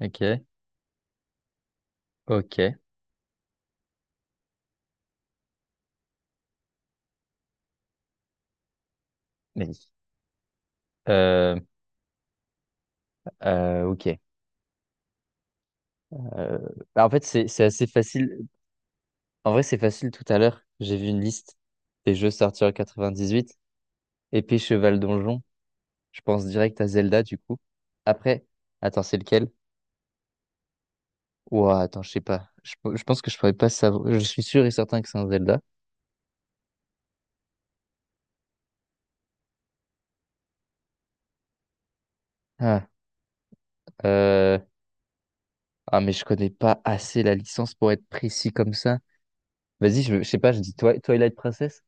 Ok, ok. Mais, euh, ok. Euh, bah, en fait, c'est assez facile. En vrai, c'est facile tout à l'heure. J'ai vu une liste des jeux sortis en 98. Épée, cheval, donjon. Je pense direct à Zelda, du coup. Après, attends, c'est lequel? Ouah, attends, je sais pas. Je pense que je pourrais pas savoir. Je suis sûr et certain que c'est un Zelda. Ah, euh... ah, mais je connais pas assez la licence pour être précis comme ça. Vas-y, je sais pas, je dis Twilight Princess.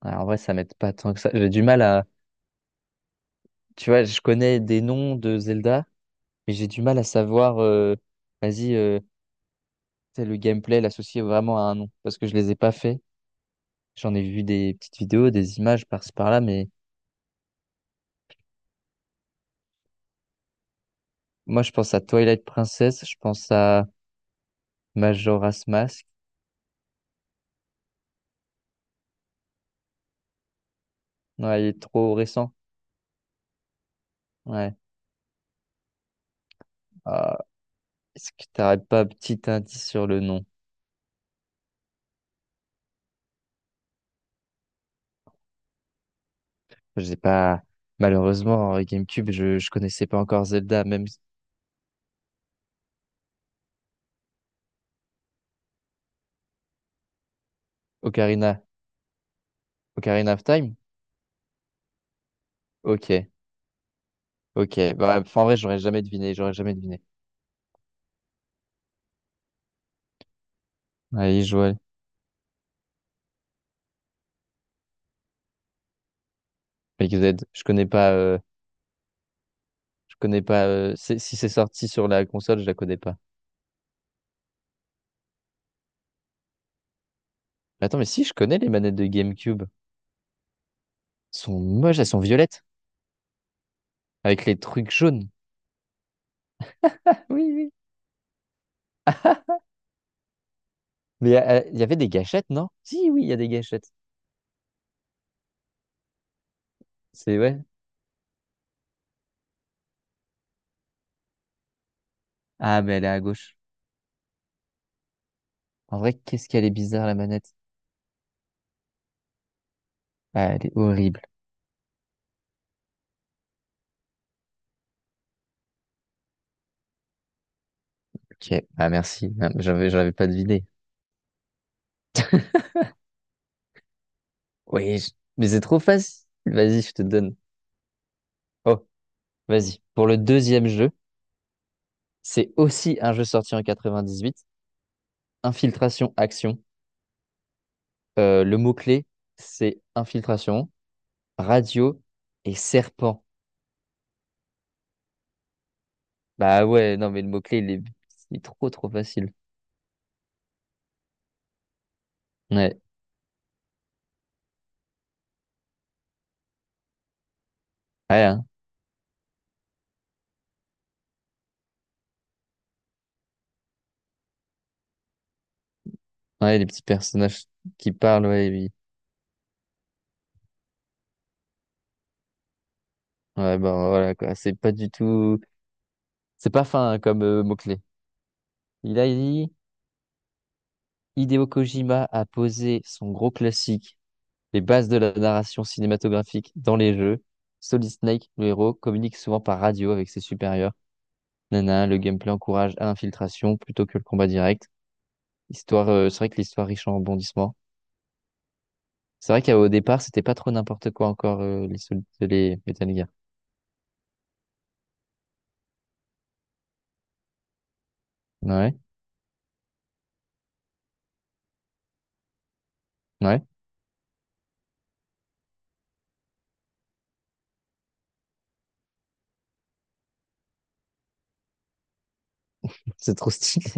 Ah, en vrai, ça m'aide pas tant que ça. J'ai du mal à, tu vois, je connais des noms de Zelda, mais j'ai du mal à savoir, vas-y, tu le gameplay, l'associer vraiment à un nom, parce que je les ai pas faits. J'en ai vu des petites vidéos, des images par-ci par-là, mais moi, je pense à Twilight Princess, je pense à Majora's Mask. Ouais, il est trop récent. Ouais. Ah, est-ce que t'aurais pas un petit indice sur le nom? Je sais pas. Malheureusement, en GameCube, je connaissais pas encore Zelda, même Ocarina, Ocarina of Time. Ok, ok. Bah, enfin, en vrai, j'aurais jamais deviné, j'aurais jamais deviné. Ouais, Joël, XZ. Je connais pas. Je connais pas. Si c'est sorti sur la console, je la connais pas. Attends, mais si je connais les manettes de GameCube. Elles sont moches, elles sont violettes, avec les trucs jaunes. Oui, oui. Mais il y avait des gâchettes, non? Si, oui, il y a des gâchettes. C'est ouais. Ah, mais elle est à gauche. En vrai, qu'est-ce qu'elle est bizarre la manette. Ah, elle est horrible. Ok. Ah, merci. Ah, j'avais pas deviné. Oui, mais c'est trop facile. Vas-y, je te donne. Oh, vas-y. Pour le deuxième jeu, c'est aussi un jeu sorti en 98. Infiltration, action. Le mot-clé, c'est infiltration, radio et serpent. Bah ouais, non, mais le mot-clé, il est trop, trop facile. Ouais, ouais, hein. Ouais, les petits personnages qui parlent, ouais, oui. Ouais, bon, voilà, quoi. C'est pas du tout. C'est pas fin hein, comme mot-clé. Il a dit, Hideo Kojima a posé son gros classique, les bases de la narration cinématographique dans les jeux. Solid Snake, le héros, communique souvent par radio avec ses supérieurs. Nana, le gameplay encourage à l'infiltration plutôt que le combat direct. Histoire, c'est vrai que l'histoire riche en rebondissements. C'est vrai qu'au départ, c'était pas trop n'importe quoi encore les Metal Gear. Ouais, ouais. C'est trop stylé.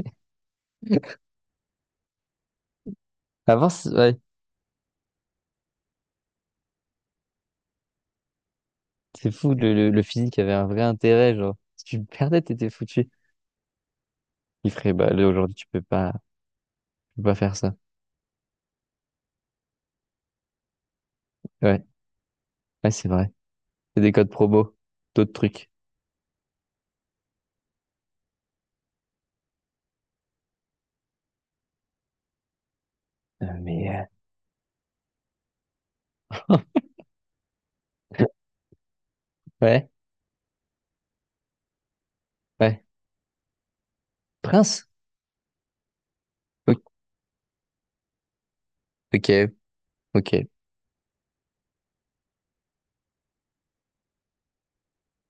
Avant, c'est ouais, c'est fou, le physique avait un vrai intérêt, genre, si tu le perdais, t'étais foutu. Il ferait, bah là, aujourd'hui, tu peux pas faire ça. Ouais, ouais, c'est vrai. C'est des codes promo, d'autres trucs. Mais, euh, ouais, ouais. Prince? Ok, ok, ok.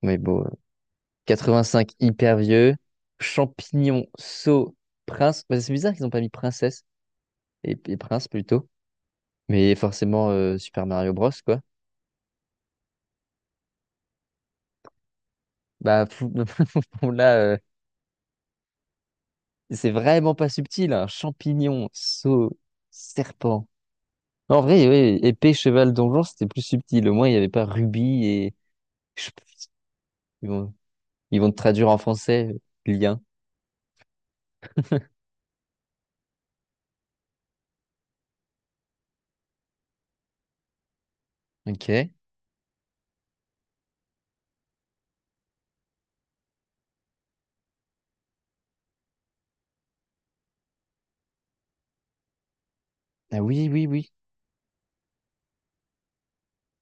Mais bon. 85 hyper vieux. Champignon, sceau, prince. Bah, c'est bizarre qu'ils n'ont pas mis princesse et, prince plutôt. Mais forcément, Super Mario Bros, quoi. Bah, bon, là, c'est vraiment pas subtil. Hein. Champignon, sceau, serpent. En vrai, oui, épée, cheval, donjon, c'était plus subtil. Au moins, il n'y avait pas rubis et. Ils vont, ils vont te traduire en français, lien. Ok. Ah oui, oui, oui.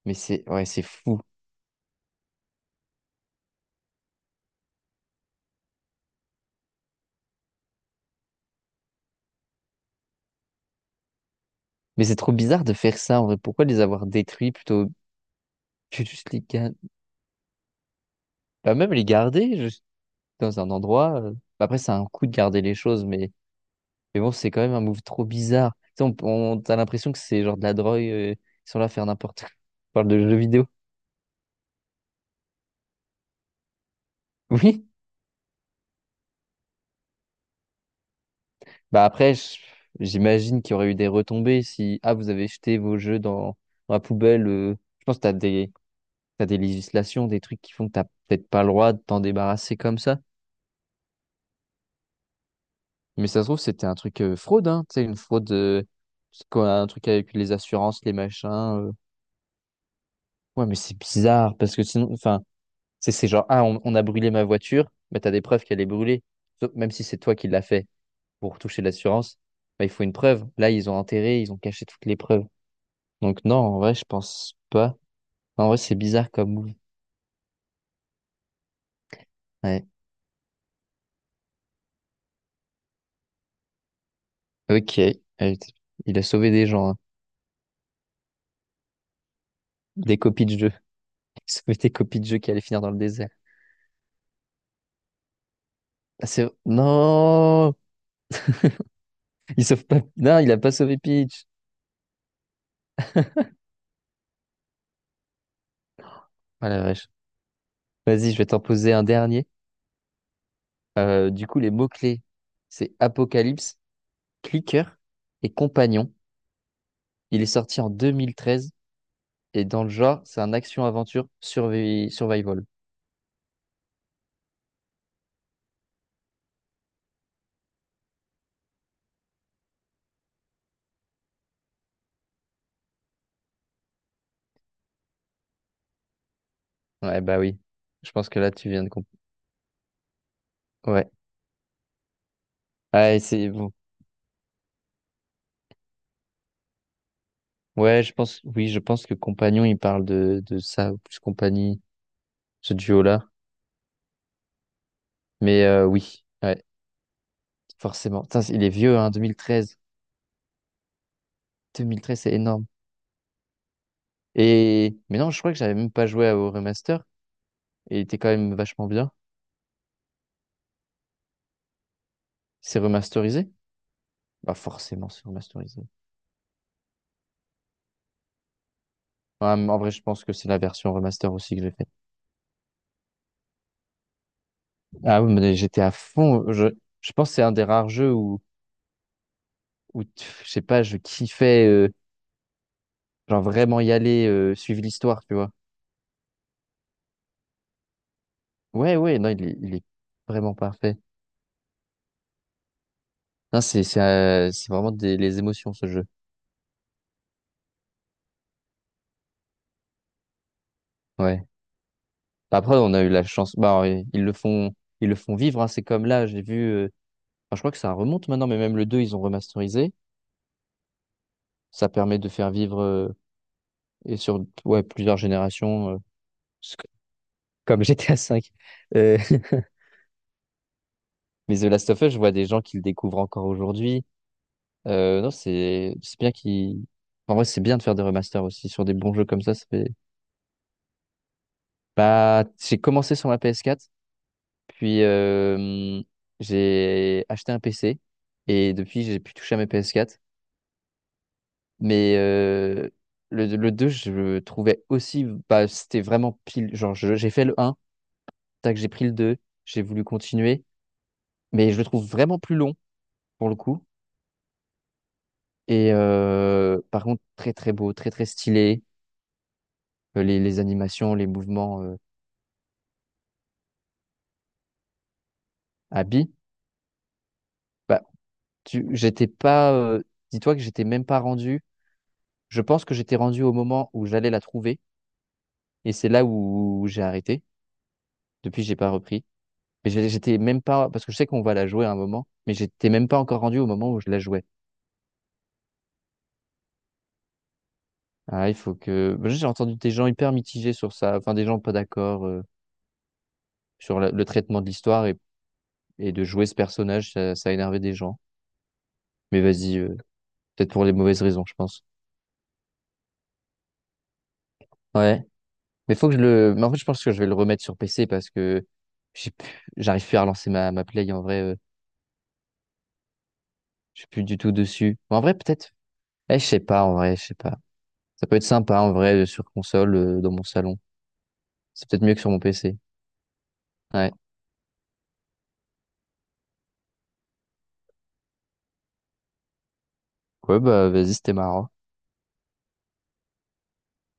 Mais c'est ouais, c'est fou. Mais c'est trop bizarre de faire ça en vrai. Pourquoi les avoir détruits plutôt? Je vais juste les garder. Bah, même les garder juste dans un endroit. Bah, après, c'est un coup de garder les choses, mais, bon, c'est quand même un move trop bizarre. Tu sais, t'as l'impression que c'est genre de la drogue. Ils sont là à faire n'importe quoi. On parle de jeux vidéo. Oui. Bah après, j'imagine qu'il y aurait eu des retombées si ah vous avez jeté vos jeux dans, la poubelle. Je pense que t'as des législations, des trucs qui font que t'as peut-être pas le droit de t'en débarrasser comme ça. Mais ça se trouve, c'était un truc fraude, hein, tu sais, une fraude, c'est quoi, un truc avec les assurances, les machins. Ouais, mais c'est bizarre, parce que sinon, enfin, c'est genre, ah, on a brûlé ma voiture, mais t'as des preuves qu'elle est brûlée. Même si c'est toi qui l'as fait pour toucher l'assurance, bah, il faut une preuve. Là, ils ont enterré, ils ont caché toutes les preuves. Donc non, en vrai, je pense pas. Enfin, en vrai, c'est bizarre comme move. Ouais. Ok. Il a sauvé des gens, hein. Des copies de jeux. Il a sauvé des copies de jeux qui allaient finir dans le désert. Ah, c'est... Non! Il sauve pas. Non, il a pas sauvé Peach. Ah la vache. Vas-y, je vais t'en poser un dernier. Du coup, les mots-clés, c'est Apocalypse, Clicker et Compagnon. Il est sorti en 2013 et dans le genre, c'est un action-aventure survival. Ouais, bah oui. Je pense que là, tu viens de comprendre. Ouais. Ah, et c'est bon. Ouais, je pense. Oui, je pense que Compagnon, il parle de ça, ou plus Compagnie, ce duo-là. Mais oui, ouais, forcément. Putain, il est vieux, hein, 2013. 2013, c'est énorme. Et mais non, je crois que j'avais même pas joué au remaster et il était quand même vachement bien. C'est remasterisé? Bah forcément, c'est remasterisé. Ouais, en vrai, je pense que c'est la version remaster aussi que j'ai faite. Ah oui, mais j'étais à fond. Je pense que c'est un des rares jeux où, je sais pas, je kiffais genre vraiment y aller, suivre l'histoire, tu vois. Ouais, ouais, non, il est vraiment parfait. Non, c'est vraiment des les émotions ce jeu. Ouais. Après, on a eu la chance. Bah, ouais, ils le font vivre. Hein. C'est comme là, j'ai vu. Enfin, je crois que ça remonte maintenant, mais même le 2 ils ont remasterisé. Ça permet de faire vivre et sur ouais, plusieurs générations, c- comme GTA 5. Mais The Last of Us, je vois des gens qui le découvrent encore aujourd'hui. Non, c'est bien qu'ils. En vrai, c'est bien de faire des remasters aussi sur des bons jeux comme ça. Ça fait. Bah, j'ai commencé sur ma PS4, puis j'ai acheté un PC et depuis, j'ai pu toucher à mes PS4. Mais le 2 je le trouvais aussi, bah, c'était vraiment pile. Genre, j'ai fait le un tac, j'ai pris le 2 j'ai voulu continuer, mais je le trouve vraiment plus long pour le coup. Et par contre, très très beau, très très stylé. Les animations, les mouvements à billes. Bah, j'étais pas, dis-toi que j'étais même pas rendu. Je pense que j'étais rendu au moment où j'allais la trouver, et c'est là où j'ai arrêté. Depuis, j'ai pas repris. Mais j'étais même pas, parce que je sais qu'on va la jouer à un moment, mais j'étais même pas encore rendu au moment où je la jouais. Ah, il faut que, bah, j'ai entendu des gens hyper mitigés sur ça, enfin des gens pas d'accord sur le traitement de l'histoire et, de jouer ce personnage, ça a énervé des gens. Mais vas-y, peut-être pour les mauvaises raisons, je pense. Ouais. Mais faut que je le, mais en fait, je pense que je vais le remettre sur PC parce que j'arrive plus à relancer ma play en vrai, je suis plus du tout dessus. Mais en vrai, peut-être, eh, je sais pas, en vrai, je sais pas. Ça peut être sympa en vrai sur console, dans mon salon. C'est peut-être mieux que sur mon PC. Ouais. Ouais, bah, vas-y, c'était marrant.